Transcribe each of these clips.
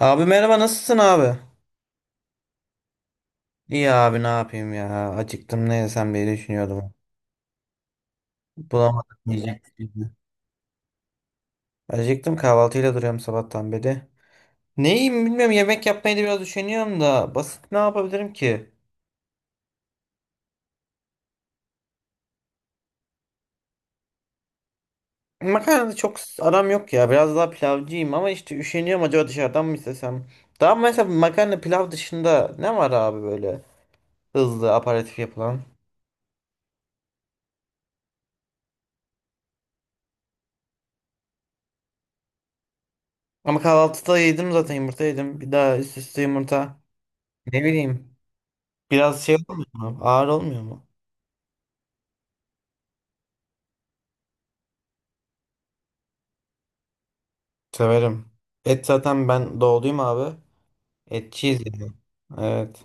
Abi merhaba nasılsın abi? İyi abi ne yapayım ya. Acıktım ne yesem diye düşünüyordum. Bulamadım yiyecek bir şey. Acıktım kahvaltıyla duruyorum sabahtan beri. Ne yiyeyim bilmiyorum yemek yapmayı da biraz düşünüyorum da basit ne yapabilirim ki? Makarna da çok aram yok ya. Biraz daha pilavcıyım ama işte üşeniyorum acaba dışarıdan mı istesem? Daha mesela makarna pilav dışında ne var abi böyle hızlı aperatif yapılan? Ama kahvaltıda yedim zaten yumurta yedim. Bir daha üst üste yumurta. Ne bileyim. Biraz şey olmuyor mu? Ağır olmuyor mu? Severim. Et zaten ben doğduyum abi. Etçiyiz yani. Evet.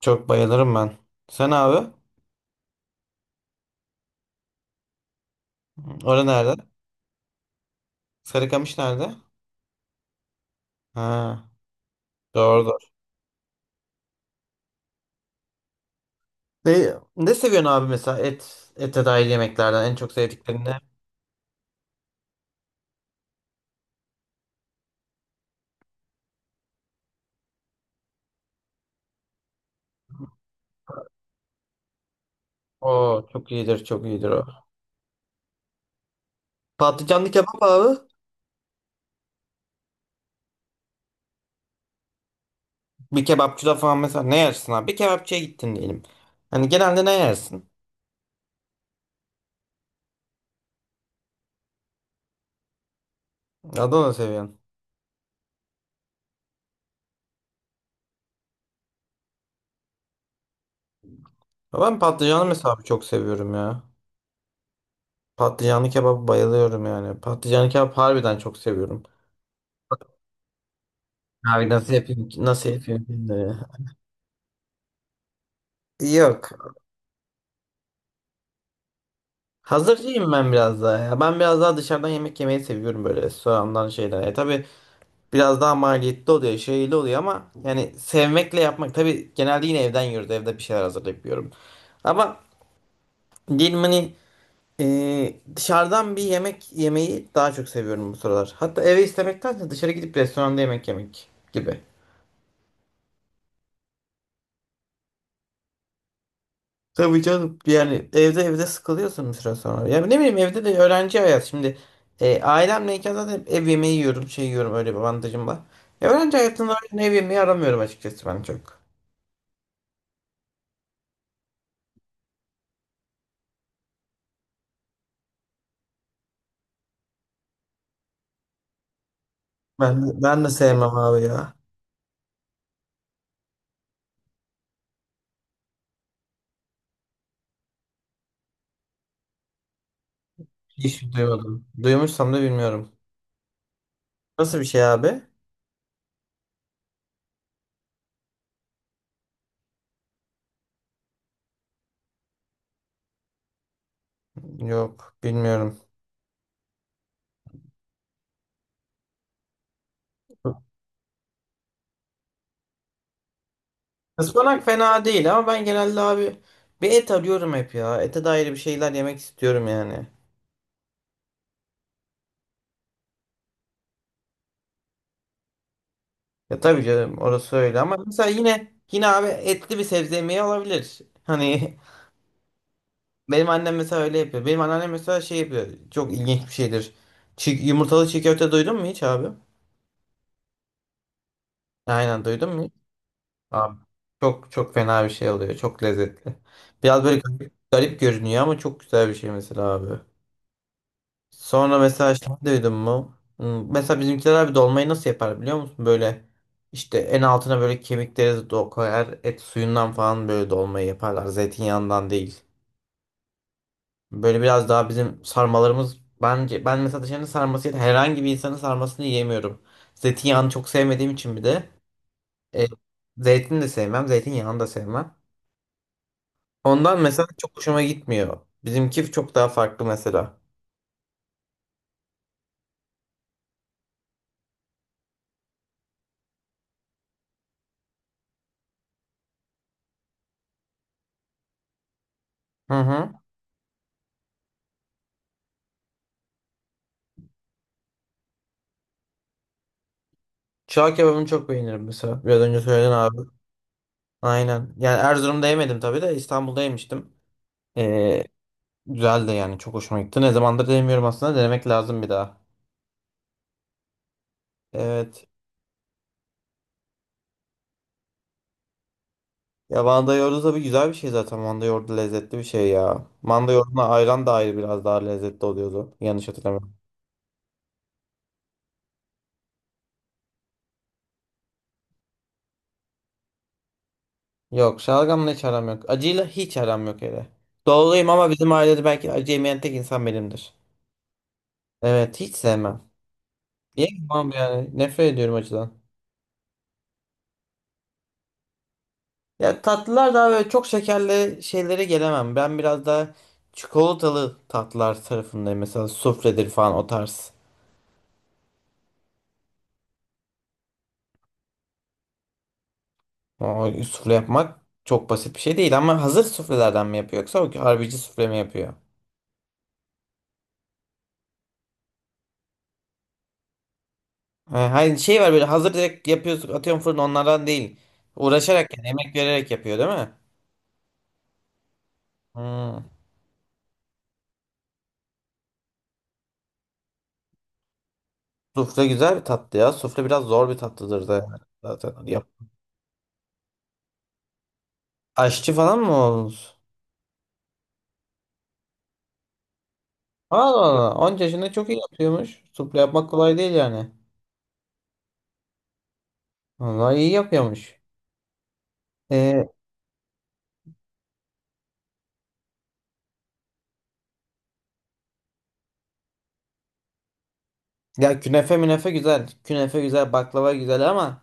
Çok bayılırım ben. Sen abi? Orada nerede? Sarıkamış nerede? Ha, doğru doğru. Ne seviyorsun abi mesela et ete dair yemeklerden en çok sevdiklerin ne? Oo çok iyidir çok iyidir o. Patlıcanlı kebap abi. Bir kebapçıda falan mesela ne yersin abi? Bir kebapçıya gittin diyelim. Hani genelde ne yersin? Adana seviyorsun. Ya ben patlıcanlı mesela abi çok seviyorum ya. Patlıcanlı kebaba bayılıyorum yani. Patlıcanlı kebap harbiden çok seviyorum. Abi nasıl yapayım şimdi? Yok. Hazırcıyım ben biraz daha ya. Ben biraz daha dışarıdan yemek yemeyi seviyorum böyle restorandan şeyden. E tabii biraz daha maliyetli oluyor, şeyli oluyor ama yani sevmekle yapmak. Tabii genelde yine evden yiyoruz. Evde bir şeyler hazırlayıp yiyorum. Ama diyelim hani dışarıdan bir yemek yemeyi daha çok seviyorum bu sıralar. Hatta eve istemektense dışarı gidip restoranda yemek yemek gibi. Tabii canım yani evde sıkılıyorsun bir süre sonra. Ya ne bileyim evde de öğrenci hayat şimdi ailemleyken zaten hep ev yemeği yiyorum şey yiyorum öyle bir avantajım var. Ya öğrenci hayatında öyle ev yemeği aramıyorum açıkçası ben çok. Ben de sevmem abi ya. Hiç duymadım. Duymuşsam da bilmiyorum. Nasıl bir şey abi? Yok bilmiyorum. Ispanak fena değil ama ben genelde abi bir et arıyorum hep ya. Ete dair bir şeyler yemek istiyorum yani. Ya tabii canım orası öyle ama mesela yine yine abi etli bir sebze yemeği olabilir. Hani benim annem mesela öyle yapıyor. Benim anneannem mesela şey yapıyor. Çok ilginç bir şeydir. Yumurtalı çiğ köfte duydun mu hiç abi? Aynen, duydun mu hiç? Abi çok çok fena bir şey oluyor. Çok lezzetli. Biraz böyle garip, garip görünüyor ama çok güzel bir şey mesela abi. Sonra mesela şey duydun mu? Mesela bizimkiler abi dolmayı nasıl yapar biliyor musun? Böyle işte en altına böyle kemikleri koyar. Et suyundan falan böyle dolmayı yaparlar. Zeytinyağından değil. Böyle biraz daha bizim sarmalarımız bence ben mesela dışarının sarmasıyla herhangi bir insanın sarmasını yiyemiyorum. Zeytinyağını çok sevmediğim için bir de e, zeytin de sevmem, zeytinyağını da sevmem. Ondan mesela çok hoşuma gitmiyor. Bizimki çok daha farklı mesela. Hı hı. Çağ kebabını çok beğenirim mesela. Biraz önce söyledin abi. Aynen. Yani Erzurum'da yemedim tabii de İstanbul'da yemiştim. Ee, Güzel de yani çok hoşuma gitti. Ne zamandır denemiyorum aslında. Denemek lazım bir daha. Evet. Ya manda yoğurdu tabii güzel bir şey zaten. Manda yoğurdu lezzetli bir şey ya. Manda yoğurduna ayran da ayrı biraz daha lezzetli oluyordu. Yanlış hatırlamıyorum. Yok şalgamla hiç aram yok. Acıyla hiç aram yok hele. Doğuluyum ama bizim ailede belki acı yemeyen tek insan benimdir. Evet hiç sevmem. Yemem yani. Nefret ediyorum acıdan. Ya tatlılar daha böyle çok şekerli şeylere gelemem. Ben biraz daha çikolatalı tatlılar tarafındayım. Mesela sufledir falan o tarz. O sufle yapmak çok basit bir şey değil ama hazır suflelerden mi yapıyor yoksa o harbici sufle mi yapıyor? Ha, hayır şey var böyle hazır direkt yapıyorsun atıyorum fırına onlardan değil. Uğraşarak yani emek vererek yapıyor değil mi? Hmm. Sufle güzel bir tatlı ya. Sufle biraz zor bir tatlıdır da yani zaten. Yap. Aşçı falan mı olmuş? Allah Allah. 10 yaşında çok iyi yapıyormuş. Sufle yapmak kolay değil yani. Vallahi iyi yapıyormuş. Ee, Ya künefe münefe güzel. Künefe güzel, baklava güzel ama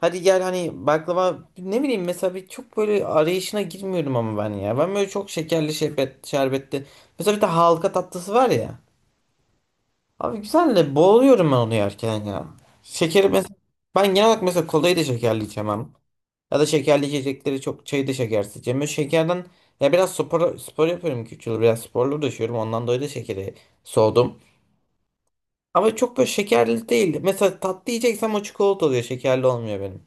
hadi gel hani baklava ne bileyim mesela bir çok böyle arayışına girmiyorum ama ben ya. Ben böyle çok şekerli şerbetli. Mesela bir de halka tatlısı var ya. Abi güzel de boğuluyorum ben onu yerken ya. Şekeri mesela ben genel olarak mesela kolayı da şekerli içemem. Ya da şekerli içecekleri çok çayı da şekersiz içemem. Böyle şekerden ya biraz spor yapıyorum küçük yıl. Biraz sporlu düşüyorum. Ondan dolayı da şekeri soğudum. Ama çok böyle şekerli değil. Mesela tatlı yiyeceksem o çikolata oluyor. Şekerli olmuyor benim.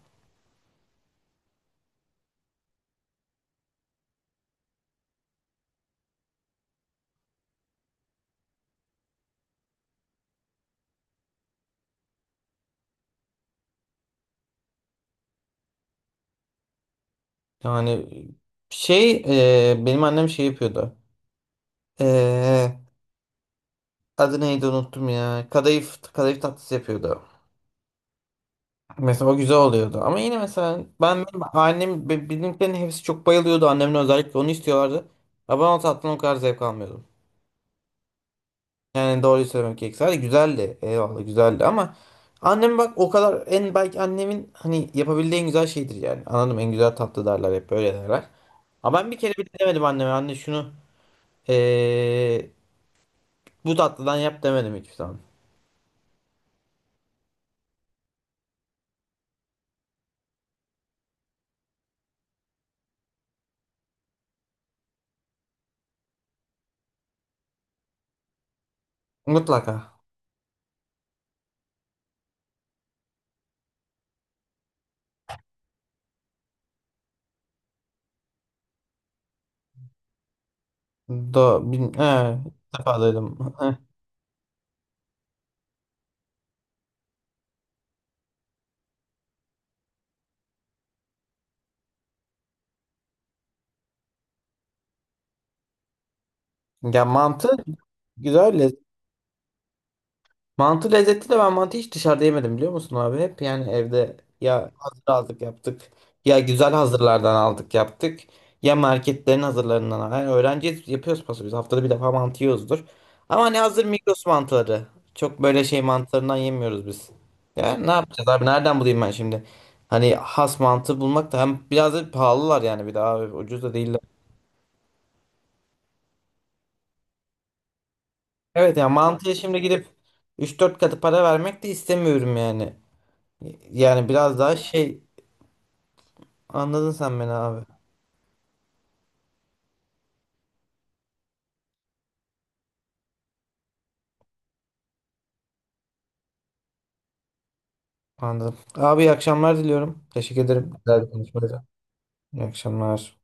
Yani şey benim annem şey yapıyordu. E, Adı neydi unuttum ya. Kadayıf tatlısı yapıyordu. Mesela o güzel oluyordu. Ama yine mesela benimkilerin hepsi çok bayılıyordu. Annemle özellikle onu istiyorlardı. Ama ben o tatlıdan o kadar zevk almıyordum. Yani doğruyu söylemek gerekirse hadi güzeldi. Eyvallah güzeldi ama annem bak o kadar en belki annemin hani yapabildiği en güzel şeydir yani. Anladım en güzel tatlı derler hep böyle derler. Ama ben bir kere bile demedim anneme anne şunu eee, bu tatlıdan yap demedim hiçbir zaman. Mutlaka. He, ilk defa duydum. He. Ya mantı güzel. Mantı lezzetli de ben mantı hiç dışarıda yemedim biliyor musun abi? Hep yani evde ya hazır aldık yaptık. Ya güzel hazırlardan aldık yaptık. Ya marketlerin hazırlarından. Yani öğrenciyiz yapıyoruz paso biz. Haftada bir defa mantı yiyoruzdur. Ama hani hazır Migros mantıları. Çok böyle şey mantılarından yemiyoruz biz. Ya ne yapacağız abi nereden bulayım ben şimdi? Hani has mantı bulmak da hem biraz da pahalılar yani bir daha abi, ucuz da değiller. Evet ya mantıya şimdi gidip 3-4 katı para vermek de istemiyorum yani. Yani biraz daha şey. Anladın sen beni abi. Anladım. Abi iyi akşamlar diliyorum. Teşekkür ederim. Güzel bir konuşmaydı. İyi akşamlar.